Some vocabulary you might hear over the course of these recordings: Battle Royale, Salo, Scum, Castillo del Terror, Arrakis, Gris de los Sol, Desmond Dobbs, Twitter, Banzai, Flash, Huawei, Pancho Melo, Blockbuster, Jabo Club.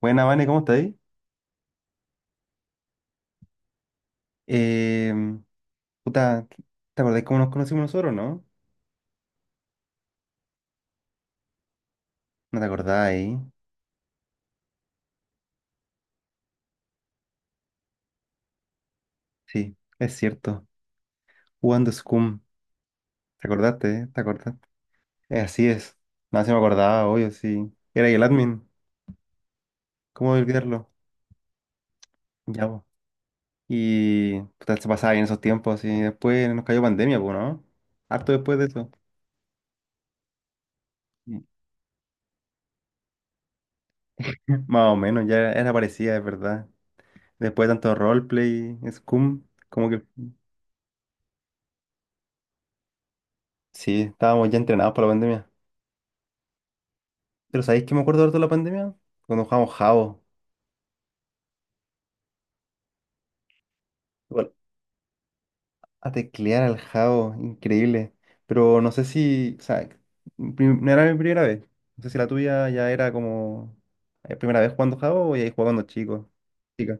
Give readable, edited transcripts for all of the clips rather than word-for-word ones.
Buena, Vane, ¿cómo estáis? Em, Puta, ¿te acordáis cómo nos conocimos nosotros, no? ¿No te acordáis? Sí, es cierto. Jugando Scum. ¿Te acordaste, ¿Te acordaste? Así es. Nada, se me acordaba, obvio, sí. Era ahí el admin. ¿Cómo olvidarlo? Ya, po. Y puta, se pasaba bien esos tiempos y después nos cayó pandemia, pues, ¿no? Harto después de eso. Mm. Más o menos, ya era parecida, es verdad. Después de tanto roleplay, Scum, como que sí, estábamos ya entrenados para la pandemia. Pero ¿sabéis que me acuerdo harto de la pandemia? Cuando jugábamos Jabo. Igual, a teclear al Jabo, increíble. Pero no sé si, o sea, no era mi primera vez. No sé si la tuya ya era como primera vez jugando Jabo o ya jugaba cuando chico. Chica.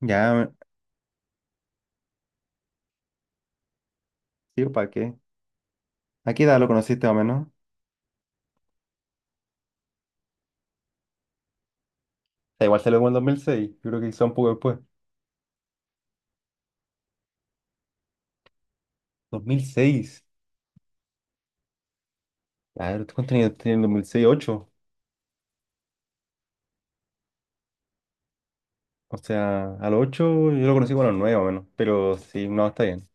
Ya, sí, ¿para qué? ¿A qué edad lo conociste más o menos? O sea, igual salió como en 2006. Yo creo que quizá un poco después. 2006. Claro, ¿tú cuántos años tenías en 2006, 8? O sea, a los 8 yo lo conocí como a los 9 más o menos. Pero sí, no, está bien.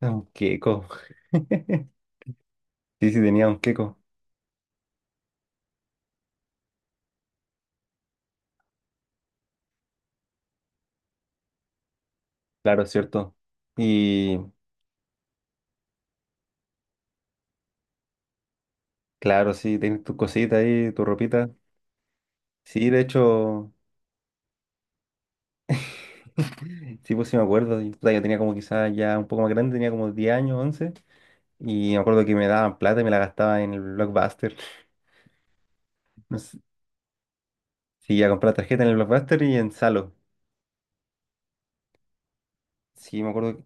Es un queco. Sí, sí, tenía un queco, claro, es cierto. Y claro, sí, tienes tus cositas ahí, tu ropita. Sí, de hecho, sí, pues sí me acuerdo. Puta, yo tenía como quizás ya un poco más grande, tenía como 10 años, 11. Y me acuerdo que me daban plata y me la gastaba en el Blockbuster. No sé, sí, a comprar tarjeta en el Blockbuster y en Salo. Sí, me acuerdo.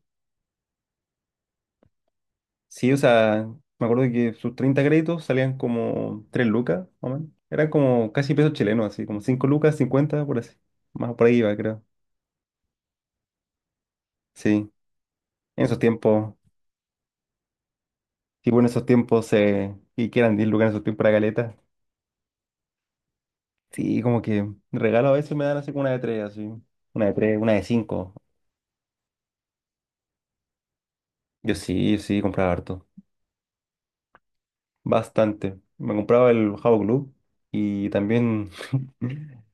Sí, o sea, me acuerdo que sus 30 créditos salían como 3 lucas, más o menos. Eran como casi pesos chilenos, así, como 5 lucas, 50 por así. Más por ahí iba, creo. Sí. En esos tiempos, tipo en esos tiempos, y quieran 10 lucas en esos tiempos para caleta. Sí, como que regalo a veces me dan así como una de tres, así. Una de tres, una de cinco. Yo sí, yo sí, compraba harto. Bastante. Me compraba el Jabo Club y también.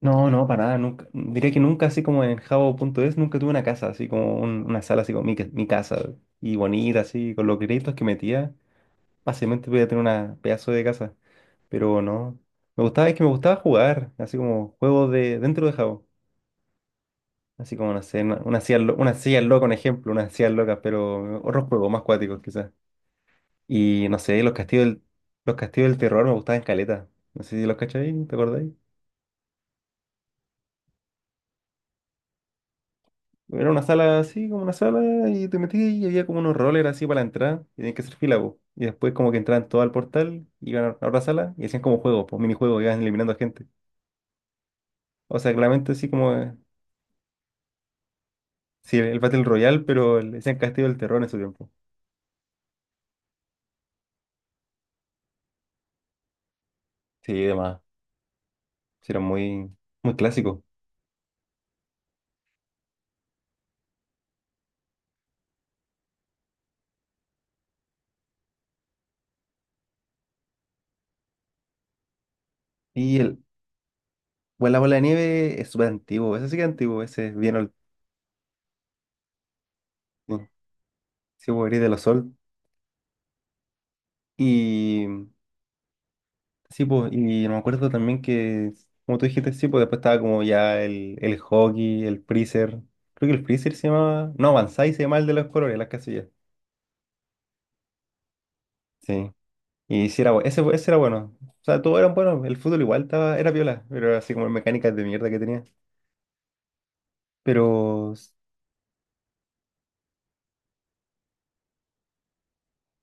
No, no, para nada, nunca. Diría que nunca, así como en jabo punto es nunca tuve una casa, así como una sala, así como mi casa. Y bonita, así, con los créditos que metía, fácilmente podía tener una pedazo de casa. Pero no. Me gustaba, es que me gustaba jugar, así como juegos de dentro de Jabo. Así como, no sé, una silla, una silla loca, un ejemplo, una silla loca, pero otros juegos más cuáticos quizás. Y no sé, los castillos del terror me gustaban caleta. No sé si los cacháis, ¿te acordáis? Era una sala así, como una sala, y te metías y había como unos rollers así para la entrada, y tenías que hacer fila, po. Y después como que entraban todos al portal, iban a otra sala y hacían como juegos, pues minijuegos, iban eliminando gente. O sea, claramente así como sí, el Battle Royale, pero el, decían Castillo del Terror en su tiempo. Sí, demás. Sí, era muy, muy clásico. Y el, bueno, la bola de nieve es súper antiguo. Ese sí que es antiguo, ese es bien old school. Sí, pues, Gris de los Sol. Y sí, pues, y me acuerdo también que, como tú dijiste, sí, pues después estaba como ya el hockey, el freezer. Creo que el freezer se llamaba. No, Banzai se llamaba el de los colores, las casillas. Sí. Y sí era, bueno ese era bueno. O sea, todos eran buenos. El fútbol igual estaba, era viola, pero era así como mecánicas de mierda que tenía. Pero s-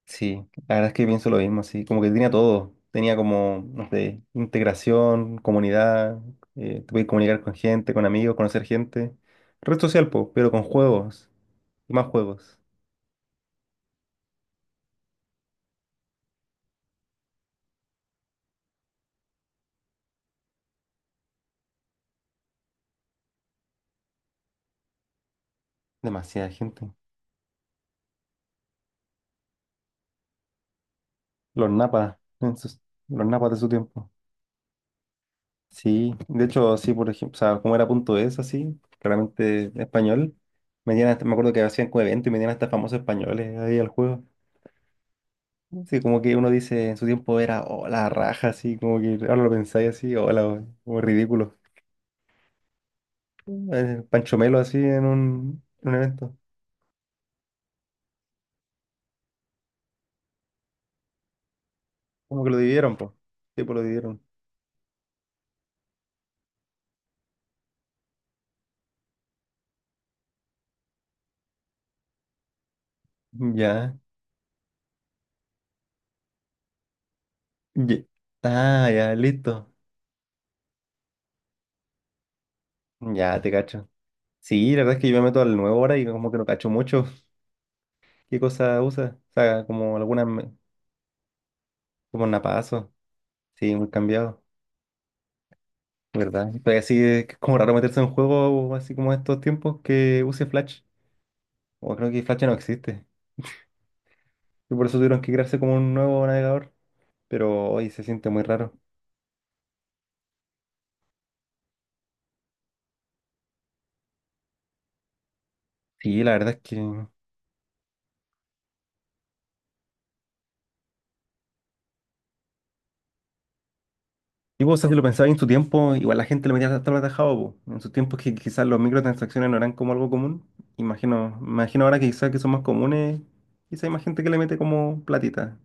sí, la verdad es que pienso lo mismo, así como que tenía todo. Tenía como, no sé, integración, comunidad, te podías comunicar con gente, con amigos, conocer gente. Red social, po, pero con juegos, y más juegos. Demasiada gente. Los napas, en sus- los napas de su tiempo. Sí, de hecho, sí, por ejemplo, o sea, como era punto es así, claramente español, metían me acuerdo que hacían como eventos y metían hasta famosos españoles ahí al juego. Sí, como que uno dice en su tiempo era oh, la raja, así, como que ahora lo pensáis así, o la, como ridículo. Pancho Melo así en un evento. Como que lo dividieron, pues. Sí, pues lo dividieron. Ya. ye- Ah, ya, listo. Ya, te cacho. Sí, la verdad es que yo me meto al nuevo ahora y como que no cacho mucho. ¿Qué cosa usa? O sea, como como napazo. Sí, muy cambiado, ¿verdad? Pero así es como raro meterse en un juego así como estos tiempos que use Flash. O creo que Flash ya no existe. Y por eso tuvieron que crearse como un nuevo navegador. Pero hoy se siente muy raro. Sí, la verdad es que. Y vos, o sea, si lo pensabas en su tiempo, igual la gente lo metía hasta lo atajado, po. En sus tiempos que quizás los microtransacciones no eran como algo común. Imagino, imagino ahora que quizás que son más comunes, quizás hay más gente que le mete como platita.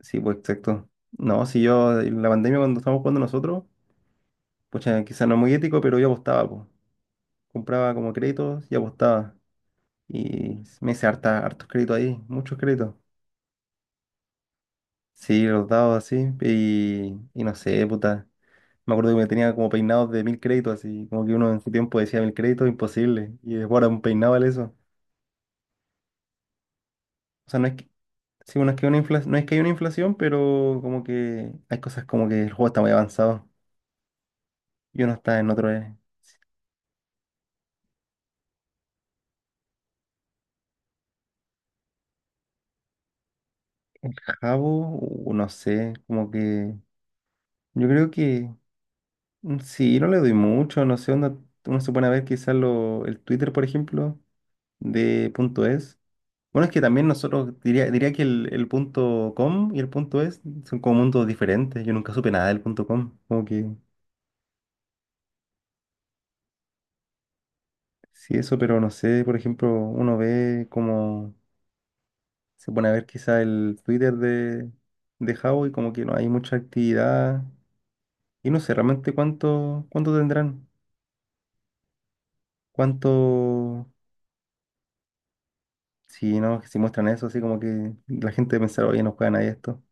Sí, pues exacto. No, si yo, en la pandemia cuando estábamos jugando nosotros, pues quizás no es muy ético, pero yo apostaba, pues. Compraba como créditos y apostaba. Y me hice harta, hartos créditos ahí, muchos créditos. Sí, los dados así, y no sé, puta. Me acuerdo que me tenía como peinados de 1000 créditos, así, como que uno en su tiempo decía 1000 créditos, imposible. Y después ahora un peinado vale eso. O sea, no es que, sí, bueno, es que, no es que hay una inflación, pero como que hay cosas como que el juego está muy avanzado. Y uno está en otro cabo, o no sé, como que. Yo creo que sí, no le doy mucho, no sé, onda, uno se pone a ver quizás lo, el Twitter, por ejemplo, de punto es. Bueno, es que también nosotros, diría que el punto com y el punto es son como mundos diferentes. Yo nunca supe nada del punto com. Como que sí, eso, pero no sé, por ejemplo, uno ve como se pone a ver quizá el Twitter de Huawei, como que no hay mucha actividad. Y no sé realmente cuánto, cuánto tendrán. Cuánto, si no, si muestran eso, así como que la gente pensará, oye, no juega nadie esto.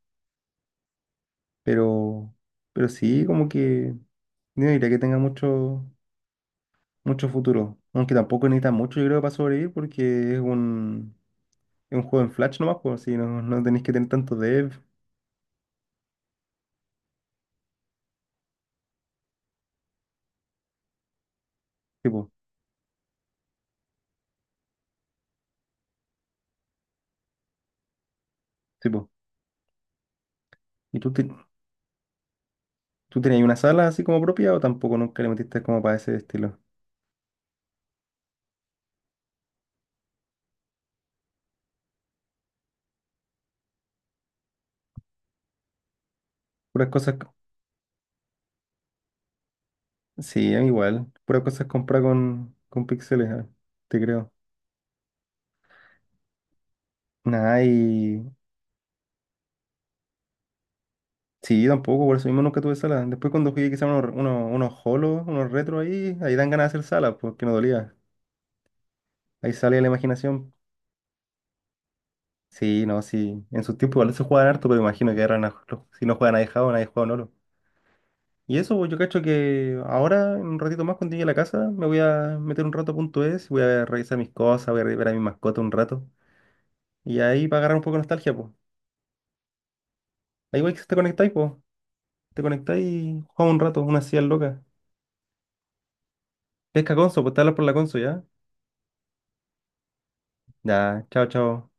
Pero, pero sí, como que no diría que tenga mucho. Mucho futuro. Aunque tampoco necesitas mucho, yo creo, para sobrevivir, porque es es un juego en Flash nomás, pues, si no, no tenés que tener tanto dev. Tipo, tipo. ¿Y tú, tú tenías una sala así como propia o tampoco nunca le metiste como para ese estilo? Puras cosas. Sí, a mí igual. Puras cosas compradas con píxeles, ah, te creo. Nada, y. Sí, yo tampoco, por eso mismo nunca tuve sala. Después cuando jugué quizá unos, unos holos, unos retros ahí, ahí dan ganas de hacer salas, porque no dolía. Ahí sale la imaginación. Sí, no, sí. En su tiempo igual se jugaban harto, pero imagino que ahora si no juegan a dejado, nadie juega a Nolo. Y eso, pues, yo cacho que ahora, en un ratito más, cuando llegue a la casa, me voy a meter un rato a punto es, voy a revisar mis cosas, voy a ver a mi mascota un rato. Y ahí para agarrar un poco de nostalgia, pues. Ahí igual que te conectáis, pues. Te conectáis y jugamos un rato, una silla loca. Pesca Conso, pues te hablas por la Conso, ¿ya? Ya, chao, chao.